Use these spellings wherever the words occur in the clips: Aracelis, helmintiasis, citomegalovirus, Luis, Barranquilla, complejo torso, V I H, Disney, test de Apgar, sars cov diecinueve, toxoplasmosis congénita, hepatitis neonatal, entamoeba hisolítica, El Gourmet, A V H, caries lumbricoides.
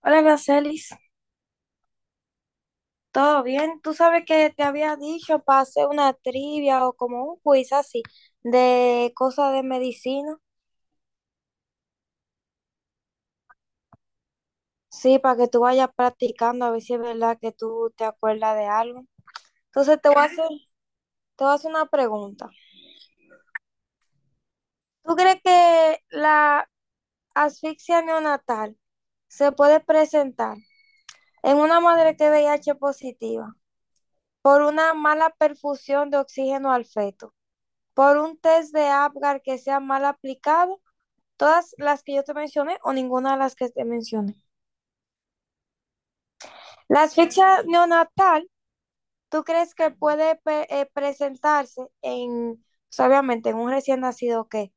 Hola, Aracelis, ¿todo bien? Tú sabes que te había dicho para hacer una trivia o como un quiz así de cosas de medicina. Sí, para que tú vayas practicando a ver si es verdad que tú te acuerdas de algo. Entonces te voy a hacer, te voy a hacer una pregunta. ¿Tú crees que la asfixia neonatal se puede presentar en una madre que es VIH positiva por una mala perfusión de oxígeno al feto, por un test de Apgar que sea mal aplicado? Todas las que yo te mencione o ninguna de las que te mencione. La asfixia neonatal, ¿tú crees que puede presentarse en, o obviamente, en un recién nacido que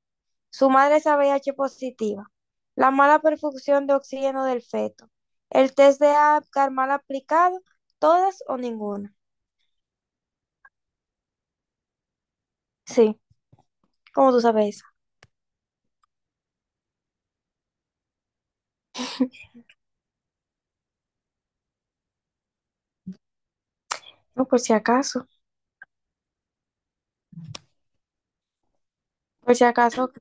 su madre es AVH positiva, la mala perfusión de oxígeno del feto, el test de Apgar mal aplicado, todas o ninguna? Sí, como tú sabes esa? No, por si acaso, ok.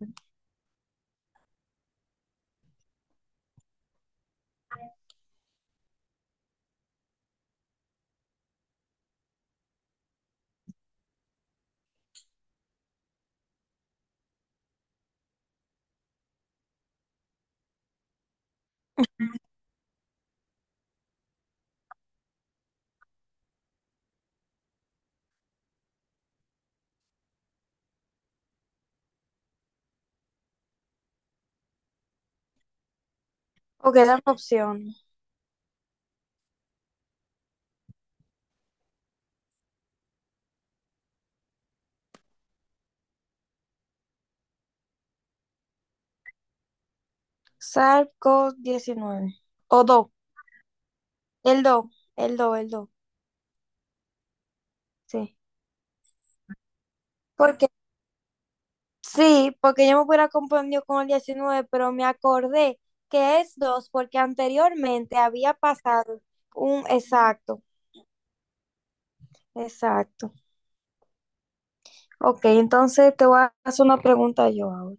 O quedan opciones. SARS-CoV-19 o DO, el DO, el DO, sí. Porque sí, porque yo me hubiera confundido con el 19, pero me acordé que es 2 porque anteriormente había pasado un exacto, exacto. Ok, entonces te voy a hacer una pregunta yo ahora.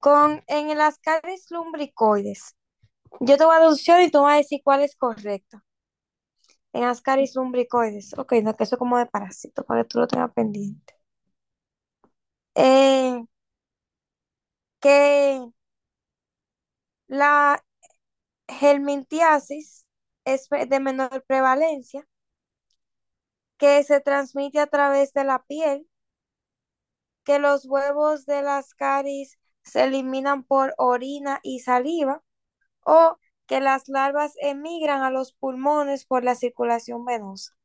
Con En las caries lumbricoides, yo te voy a dar opciones y tú me vas a decir cuál es correcta. En las caries lumbricoides, ok, no, que eso es como de parásito, para que tú lo tengas pendiente. Eh, que la helmintiasis es de menor prevalencia, que se transmite a través de la piel, que los huevos de las caries se eliminan por orina y saliva, o que las larvas emigran a los pulmones por la circulación venosa.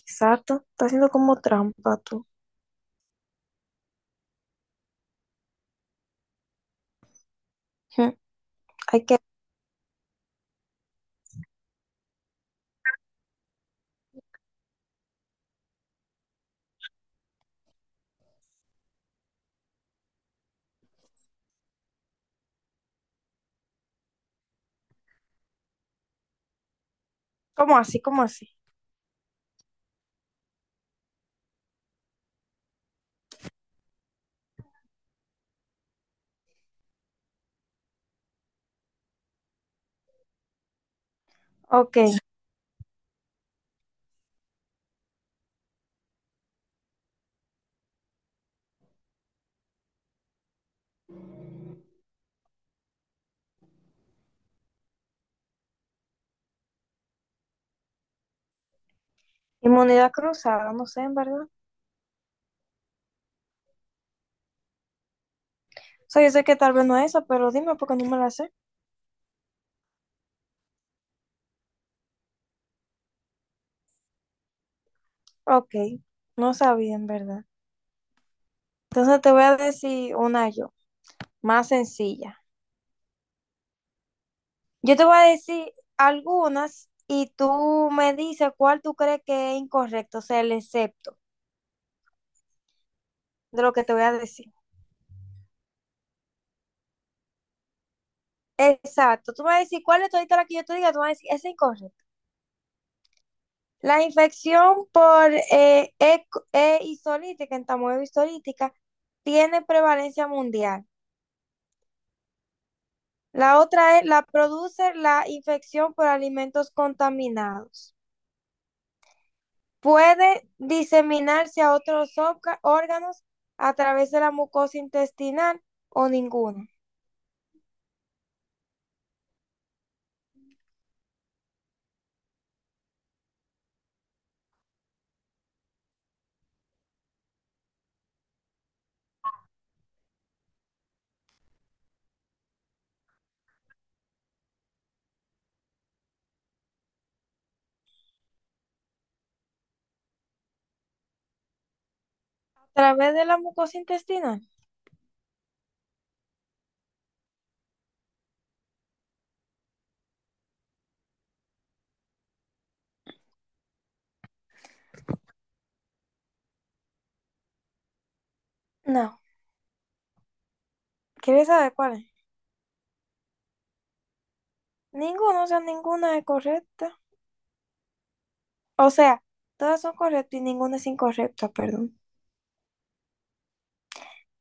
Exacto, está haciendo como trampa tú. Ujú. Hay que, como así, como así. Ok, inmunidad cruzada, no sé, en verdad. O sea, yo sé que tal vez no es eso, pero dime porque no me la sé. Ok, no sabía, en verdad. Entonces te voy a decir una yo, más sencilla. Yo te voy a decir algunas y tú me dices cuál tú crees que es incorrecto, o sea, el excepto de lo que te voy a decir. Exacto, tú me vas a decir cuál es todita la que yo te diga, tú me vas a decir, es incorrecto. La infección por entamoeba hisolítica, tiene prevalencia mundial. La otra es, la produce la infección por alimentos contaminados. Puede diseminarse a otros órganos a través de la mucosa intestinal o ninguno. ¿A través de la mucosa intestinal? No. ¿Quieres saber cuál es? Ninguno, o sea, ninguna es correcta. O sea, todas son correctas y ninguna es incorrecta, perdón.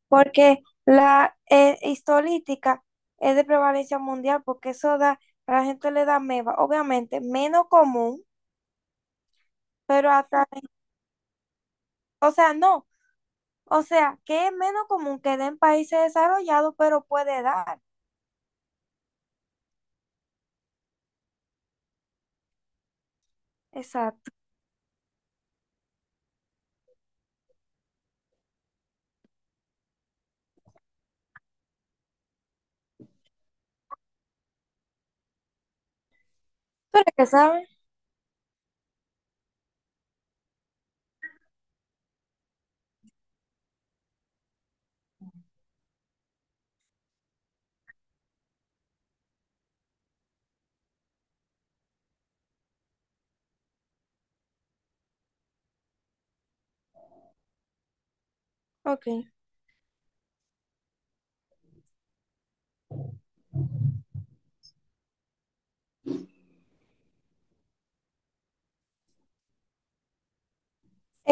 Porque la histolítica es de prevalencia mundial porque eso da, a la gente le da meba, obviamente, menos común, pero a través, o sea, no. O sea, que es menos común que den países desarrollados, pero puede dar. Exacto. Pero que sabe. Ok.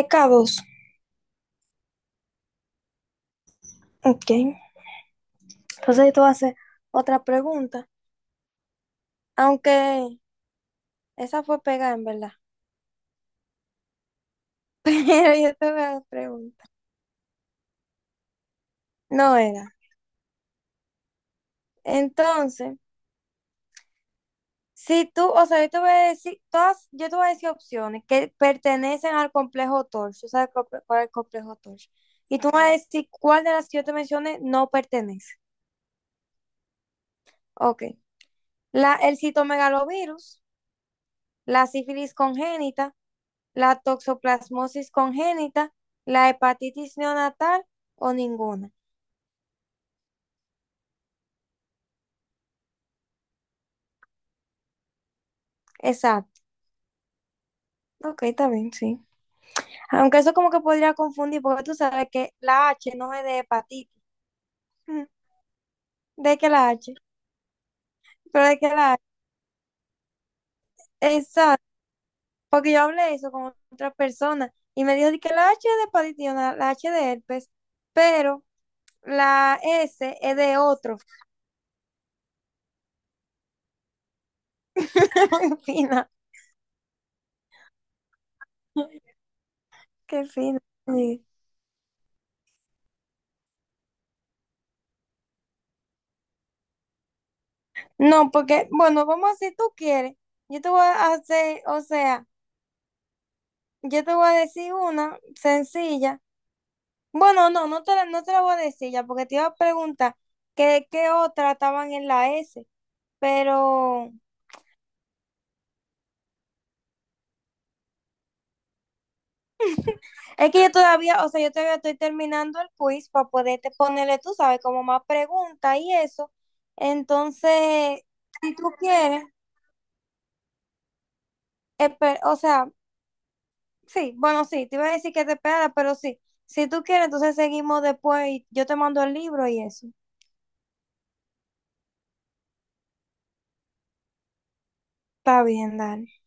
E K dos. Ok. Entonces tú haces otra pregunta. Aunque esa fue pegada en verdad. Pero yo te voy a hacer pregunta. No era. Entonces, si tú, o sea, yo te voy a decir, todas, yo te voy a decir opciones que pertenecen al complejo torso. ¿Sabes cuál el complejo torso? Y tú me vas a decir cuál de las que yo te mencioné no pertenece. Ok. La, el citomegalovirus, la sífilis congénita, la toxoplasmosis congénita, la hepatitis neonatal o ninguna. Exacto. Ok, está bien, sí. Aunque eso como que podría confundir, porque tú sabes que la H no es de hepatitis. Ujú. ¿De que la H? Pero de que la H. Exacto. Porque yo hablé eso con otra persona y me dijo de que la H es de hepatitis, neonatal, la H de herpes, pero la S es de otro. En fin, no. Qué fino. Sí. No, porque, bueno, vamos a si tú quieres. Yo te voy a hacer, o sea, yo te voy a decir una sencilla. Bueno, no te la voy a decir ya, porque te iba a preguntar que qué otra estaban en la S. Pero es que yo todavía, o sea, yo todavía estoy terminando el quiz para poderte ponerle, tú sabes, como más preguntas y eso. Entonces, si tú quieres, espe- o sea, sí, bueno, sí, te iba a decir que te esperara, pero sí, si tú quieres, entonces seguimos después y yo te mando el libro y eso. Está bien, dale.